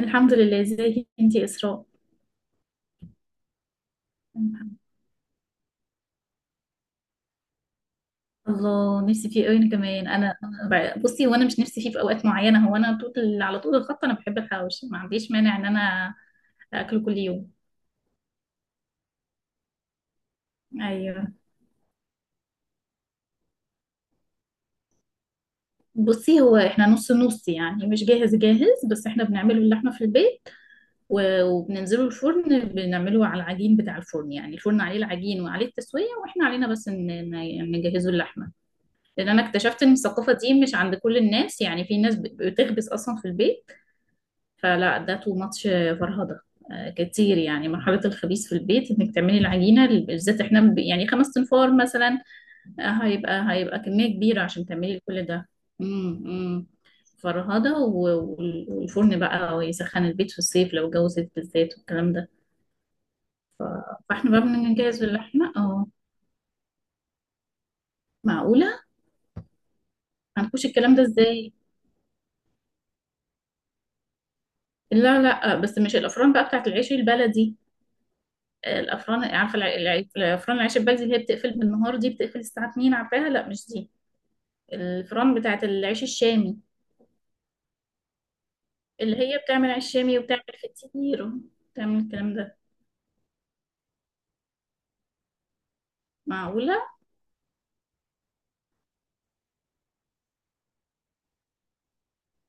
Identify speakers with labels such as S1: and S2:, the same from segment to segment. S1: الحمد لله. ازيك انتي يا اسراء؟ الله، نفسي فيه قوي انا كمان. انا بصي، هو انا مش نفسي فيه في اوقات معينه. هو انا على طول الخط انا بحب الحواوشي، ما عنديش مانع ان انا اكله كل يوم. ايوه، بصي، هو احنا نص نص، يعني مش جاهز جاهز، بس احنا بنعمله اللحمه في البيت. و- وبننزله الفرن، بنعمله على العجين بتاع الفرن، يعني الفرن عليه العجين وعليه التسويه، واحنا علينا بس ان نجهزه اللحمه. لان انا اكتشفت ان الثقافه دي مش عند كل الناس، يعني في ناس بتخبز اصلا في البيت. فلا، ده تو ماتش. فرهضة. كتير، يعني مرحلة الخبيث في البيت، انك تعملي العجينة بالذات، احنا يعني خمس تنفار مثلا. هيبقى كمية كبيرة عشان تعملي كل ده. امم امم فرهضة. و- وال- والفرن بقى ويسخن البيت في الصيف، لو الجو صيف بالذات والكلام ده. ف- فاحنا بقى بنجهز اللحمة. اه، معقولة. هنخش الكلام ده ازاي؟ لا لا، بس مش الافران بقى بتاعت العيش البلدي. الافران، عارفه الافران العيش البلدي، اللي هي بتقفل بالنهار، دي بتقفل الساعه 2، عارفاها؟ لا، مش دي. الفران بتاعه العيش الشامي، اللي هي بتعمل عيش شامي وبتعمل فطير، بتعمل الكلام ده. معقوله.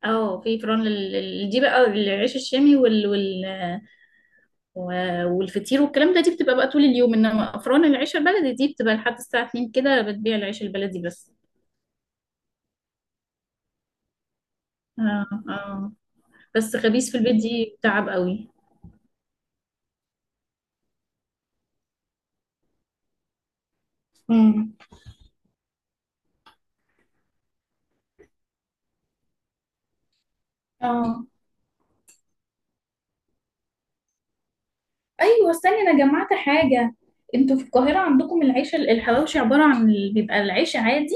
S1: اه، في فران دي بقى العيش الشامي، و- والفطير والكلام ده، دي بتبقى بقى طول اليوم، انما افران العيش البلدي دي بتبقى لحد الساعه 2 كده، بتبيع العيش البلدي بس. اه، اه، بس خبيث في البيت دي تعب قوي. امم. اه، ايوه، استني، انا جمعت حاجه. انتوا في القاهره عندكم العيش الحواوشي عباره عن بيبقى العيش عادي،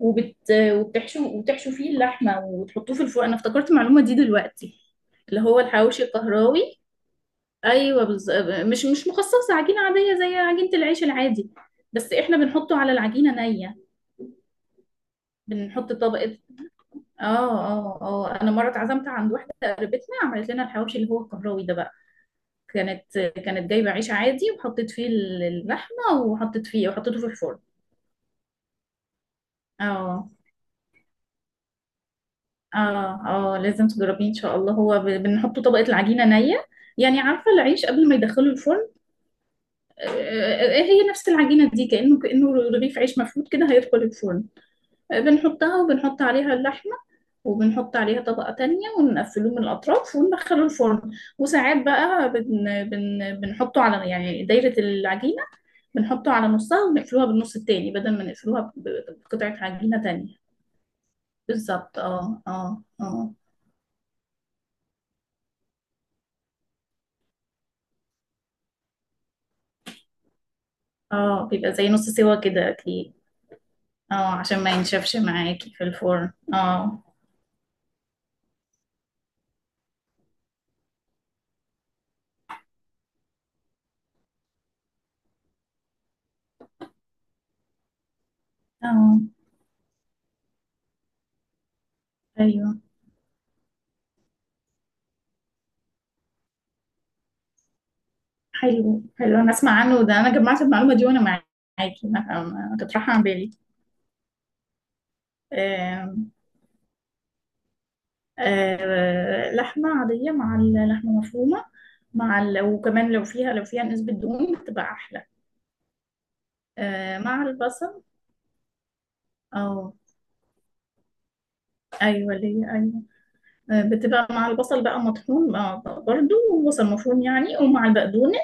S1: وبت وبتحشوا فيه اللحمه وتحطوه في الفرن. انا افتكرت المعلومه دي دلوقتي. اللي هو الحواوشي القهراوي. ايوه. مش مخصصه، عجينه عاديه زي عجينه العيش العادي، بس احنا بنحطه على العجينه نيه، بنحط طبقه. اه، اه، اه، انا مره اتعزمت عند واحده قريبتنا، عملت لنا الحواوشي اللي هو القهراوي ده بقى. كانت جايبة عيش عادي وحطيت فيه اللحمة، وحطيت فيه وحطيته في الفرن. اه، اه، اه، لازم تجربيه ان شاء الله. هو بنحط طبقة العجينة نية، يعني عارفة العيش قبل ما يدخله الفرن؟ هي نفس العجينة دي، كأنه رغيف عيش مفروض كده هيدخل الفرن. بنحطها وبنحط عليها اللحمة، وبنحط عليها طبقة تانية ونقفله من الأطراف وندخله الفرن. وساعات بقى بن بن بنحطه على، يعني، دايرة العجينة، بنحطه على نصها ونقفلوها بالنص التاني، بدل ما نقفلوها بقطعة عجينة تانية. بالظبط، اه، اه، اه. اه، بيبقى زي نص سوا كده اكيد. اه، عشان ما ينشفش معاكي في الفرن. اه، اه، ايوه. حلو حلو، انا اسمع عنه ده، انا جمعت المعلومة دي. وانا معاكي، ما كانت رايحة عن بالي. آم، لحمة عادية، مع اللحمة مفرومة، وكمان لو فيها نسبة دهون بتبقى أحلى. مع البصل. اه، ايوه، ليه، ايوه، بتبقى مع البصل بقى مطحون بقى، برضو وبصل مفروم يعني، ومع البقدونس.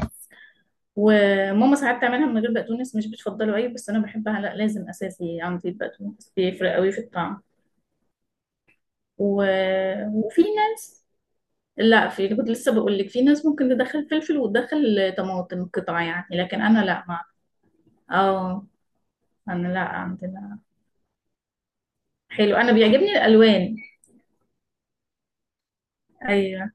S1: وماما ساعات تعملها من غير بقدونس، مش بتفضله أوي، بس أنا بحبها، لا، لازم أساسي عندي، البقدونس بيفرق أوي في الطعم. و... وفي ناس لا في كنت لسه بقول لك، في ناس ممكن تدخل فلفل وتدخل طماطم قطع يعني، لكن أنا لا، مع، اه، أنا لا عندنا. حلو، أنا بيعجبني الألوان. أيوه،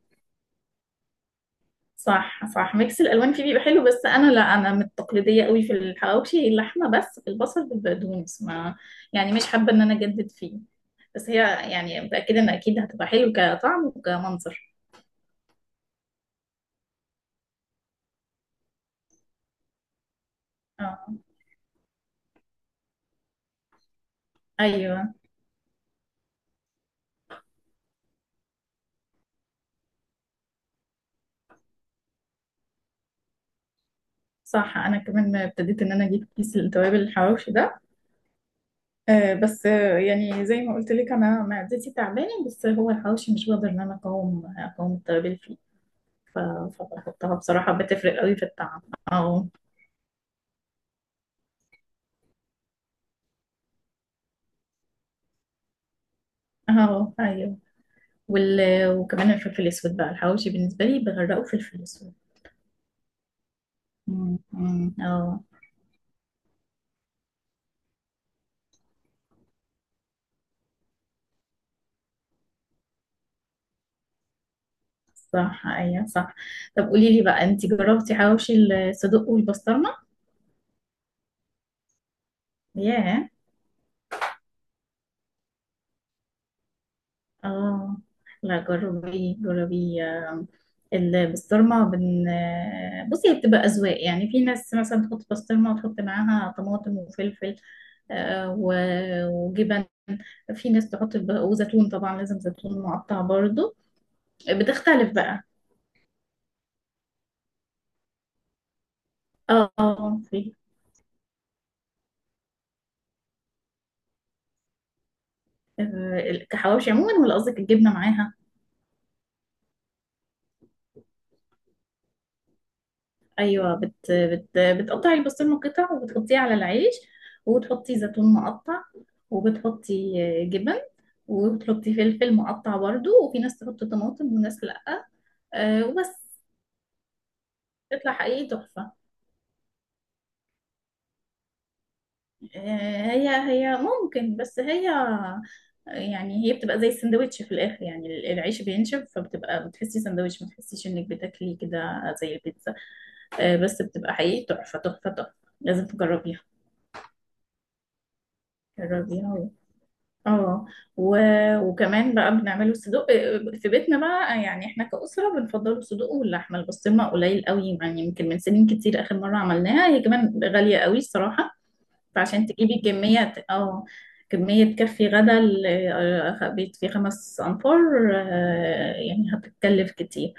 S1: صح صح، ميكس الالوان فيه بيبقى حلو، بس انا لا، انا من التقليديه قوي في الحواوشي، اللحمه بس البصل بالبقدونس، ما، يعني مش حابه ان انا اجدد فيه. بس هي، يعني متاكده ان اكيد هتبقى حلو كطعم وكمنظر. اه، ايوه، صح، انا كمان ابتديت ان انا اجيب كيس التوابل الحواوشي ده. بس يعني زي ما قلت لك، انا معدتي تعبانه، بس هو الحواوشي مش بقدر ان انا اقاوم التوابل فيه. ف- فبحطها بصراحه، بتفرق قوي في الطعم. اه، اه، ايوه. وال... وكمان الفلفل الأسود بقى، الحواوشي بالنسبة لي بغرقه فلفل أسود. مم. مم. اه. صح، ايوه، صح. طب قولي لي بقى، انت جربتي حواوشي الصدق والبسطرمه؟ ياه. اه، لا، جربي جربي. آه، البسطرمه بن آه، بصي، هي بتبقى اذواق، يعني في ناس مثلا تحط بسطرمه وتحط معاها طماطم وفلفل، آه، و- وجبن. في ناس تحط وزيتون، طبعا لازم زيتون مقطع برضو. بتختلف بقى. اه، اه، في. كحواوشي عموما ولا قصدك الجبنه معاها؟ ايوه، بت بت بتقطعي البسطرمه قطع وبتحطيه على العيش، وبتحطي زيتون مقطع، وبتحطي جبن، وبتحطي فلفل مقطع برضو، وفي ناس تحط طماطم وناس لأ. وبس. تطلع حقيقي تحفة. هي ممكن، بس هي، يعني هي بتبقى زي السندوتش في الآخر، يعني العيش بينشف، فبتبقى بتحسي سندوتش، ما تحسيش انك بتاكلي كده زي البيتزا. بس بتبقى حقيقي تحفة تحفة تحفة، لازم تجربيها. جربيها. اه، و- وكمان بقى بنعمله صدوق في بيتنا بقى، يعني احنا كأسرة بنفضلوا الصدوق، واللحمة البسطرمة قليل قوي، يعني يمكن من سنين كتير آخر مرة عملناها، هي كمان غالية قوي الصراحة. فعشان تجيبي كمية، اه، كمية تكفي غدا بيت فيه خمس أنفار، يعني هتتكلف كتير.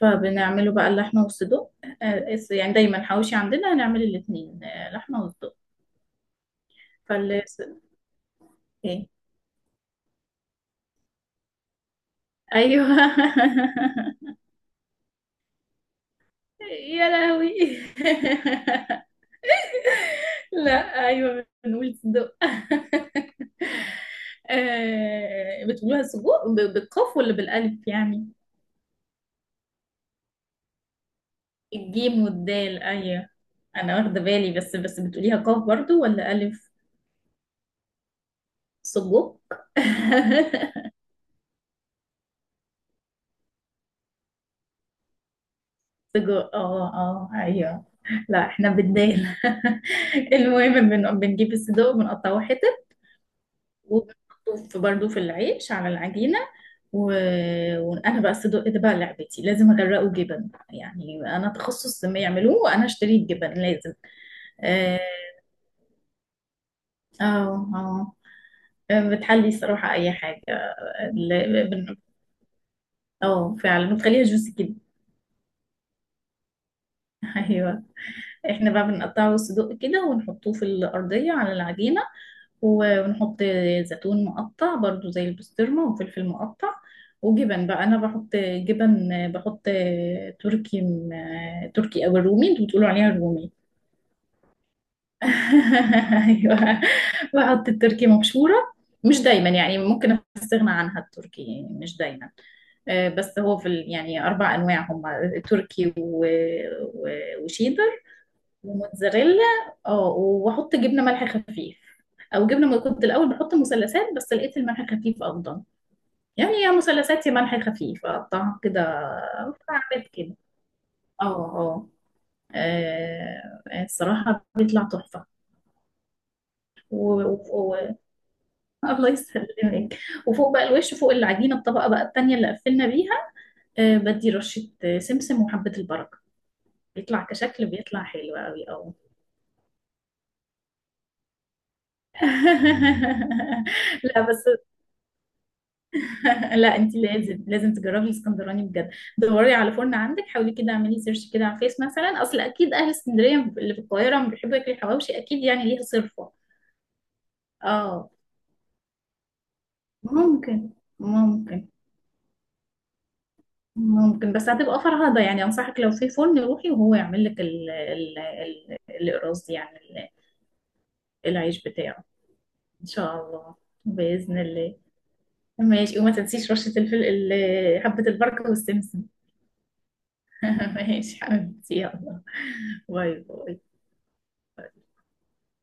S1: فبنعمله بقى اللحمة والصدوق، يعني دايما حواوشي عندنا هنعمل الاتنين، لحمة وصدوق. فلاس. ايه؟ ايوه. يا لهوي. لا، ايوه، بنقول صدق. بتقولوها سجق بالقاف ولا بالالف يعني؟ الجيم والدال، ايوه، انا واخده بالي، بس بتقوليها قاف برضو ولا الف؟ سجق. سجق، اه، اه، ايوه. لا، احنا بالدال. المهم، بنجيب الصدق وبنقطعه حتت، وبحطه في برضه في العيش على العجينة. و... وأنا بقى الصدق ده بقى لعبتي، لازم أغرقه جبن، يعني أنا تخصص ما يعملوه وأنا أشتري الجبن لازم. آه، اه. بتحلي صراحة أي حاجة. ل- بن- اه، فعلا بتخليها جوسي كده. أيوه. احنا بقى بنقطعه صدق كده ونحطوه في الأرضية على العجينة، و- ونحط زيتون مقطع برضو زي البسطرمة، وفلفل مقطع، وجبن بقى، أنا بحط جبن. بحط تركي، تركي أو الرومي، انتوا بتقولوا عليها الرومي. أيوة. بحط التركي مبشورة، مش دايما يعني، ممكن استغنى عنها التركي يعني، مش دايما. بس هو في يعني أربع أنواع هم، تركي، و- و- وشيدر، وموتزاريلا. اه، واحط جبنه ملح خفيف، او جبنه، ما كنت الاول بحط مثلثات بس لقيت الملح خفيف افضل. يعني يا مثلثات يا ملح خفيف، اقطعها كده. فعملت كده. اه، اه. الصراحه بيطلع تحفه. و... و... و... الله يسلمك. وفوق بقى، الوش فوق العجينه، الطبقه بقى التانيه اللي قفلنا بيها، بدي رشه سمسم وحبه البركه. بيطلع كشكل، بيطلع حلو قوي. اه. لا بس. لا انت لازم لازم تجربي الاسكندراني بجد. دوري على فرن عندك، حاولي كده، اعملي سيرش كده على فيس مثلا، اصل اكيد اهل اسكندريه اللي في القاهره لما بيحبوا ياكلوا الحواوشي اكيد، يعني ليها صرفه. اه، ممكن ممكن ممكن. بس هتبقى فرهضه يعني، انصحك لو في فرن روحي وهو يعمل لك ال ال ال القراص دي، يعني العيش بتاعه. ان شاء الله. باذن الله. ماشي، وما تنسيش رشه الفل، حبه البركه والسمسم. ماشي حبيبتي، يلا. باي باي.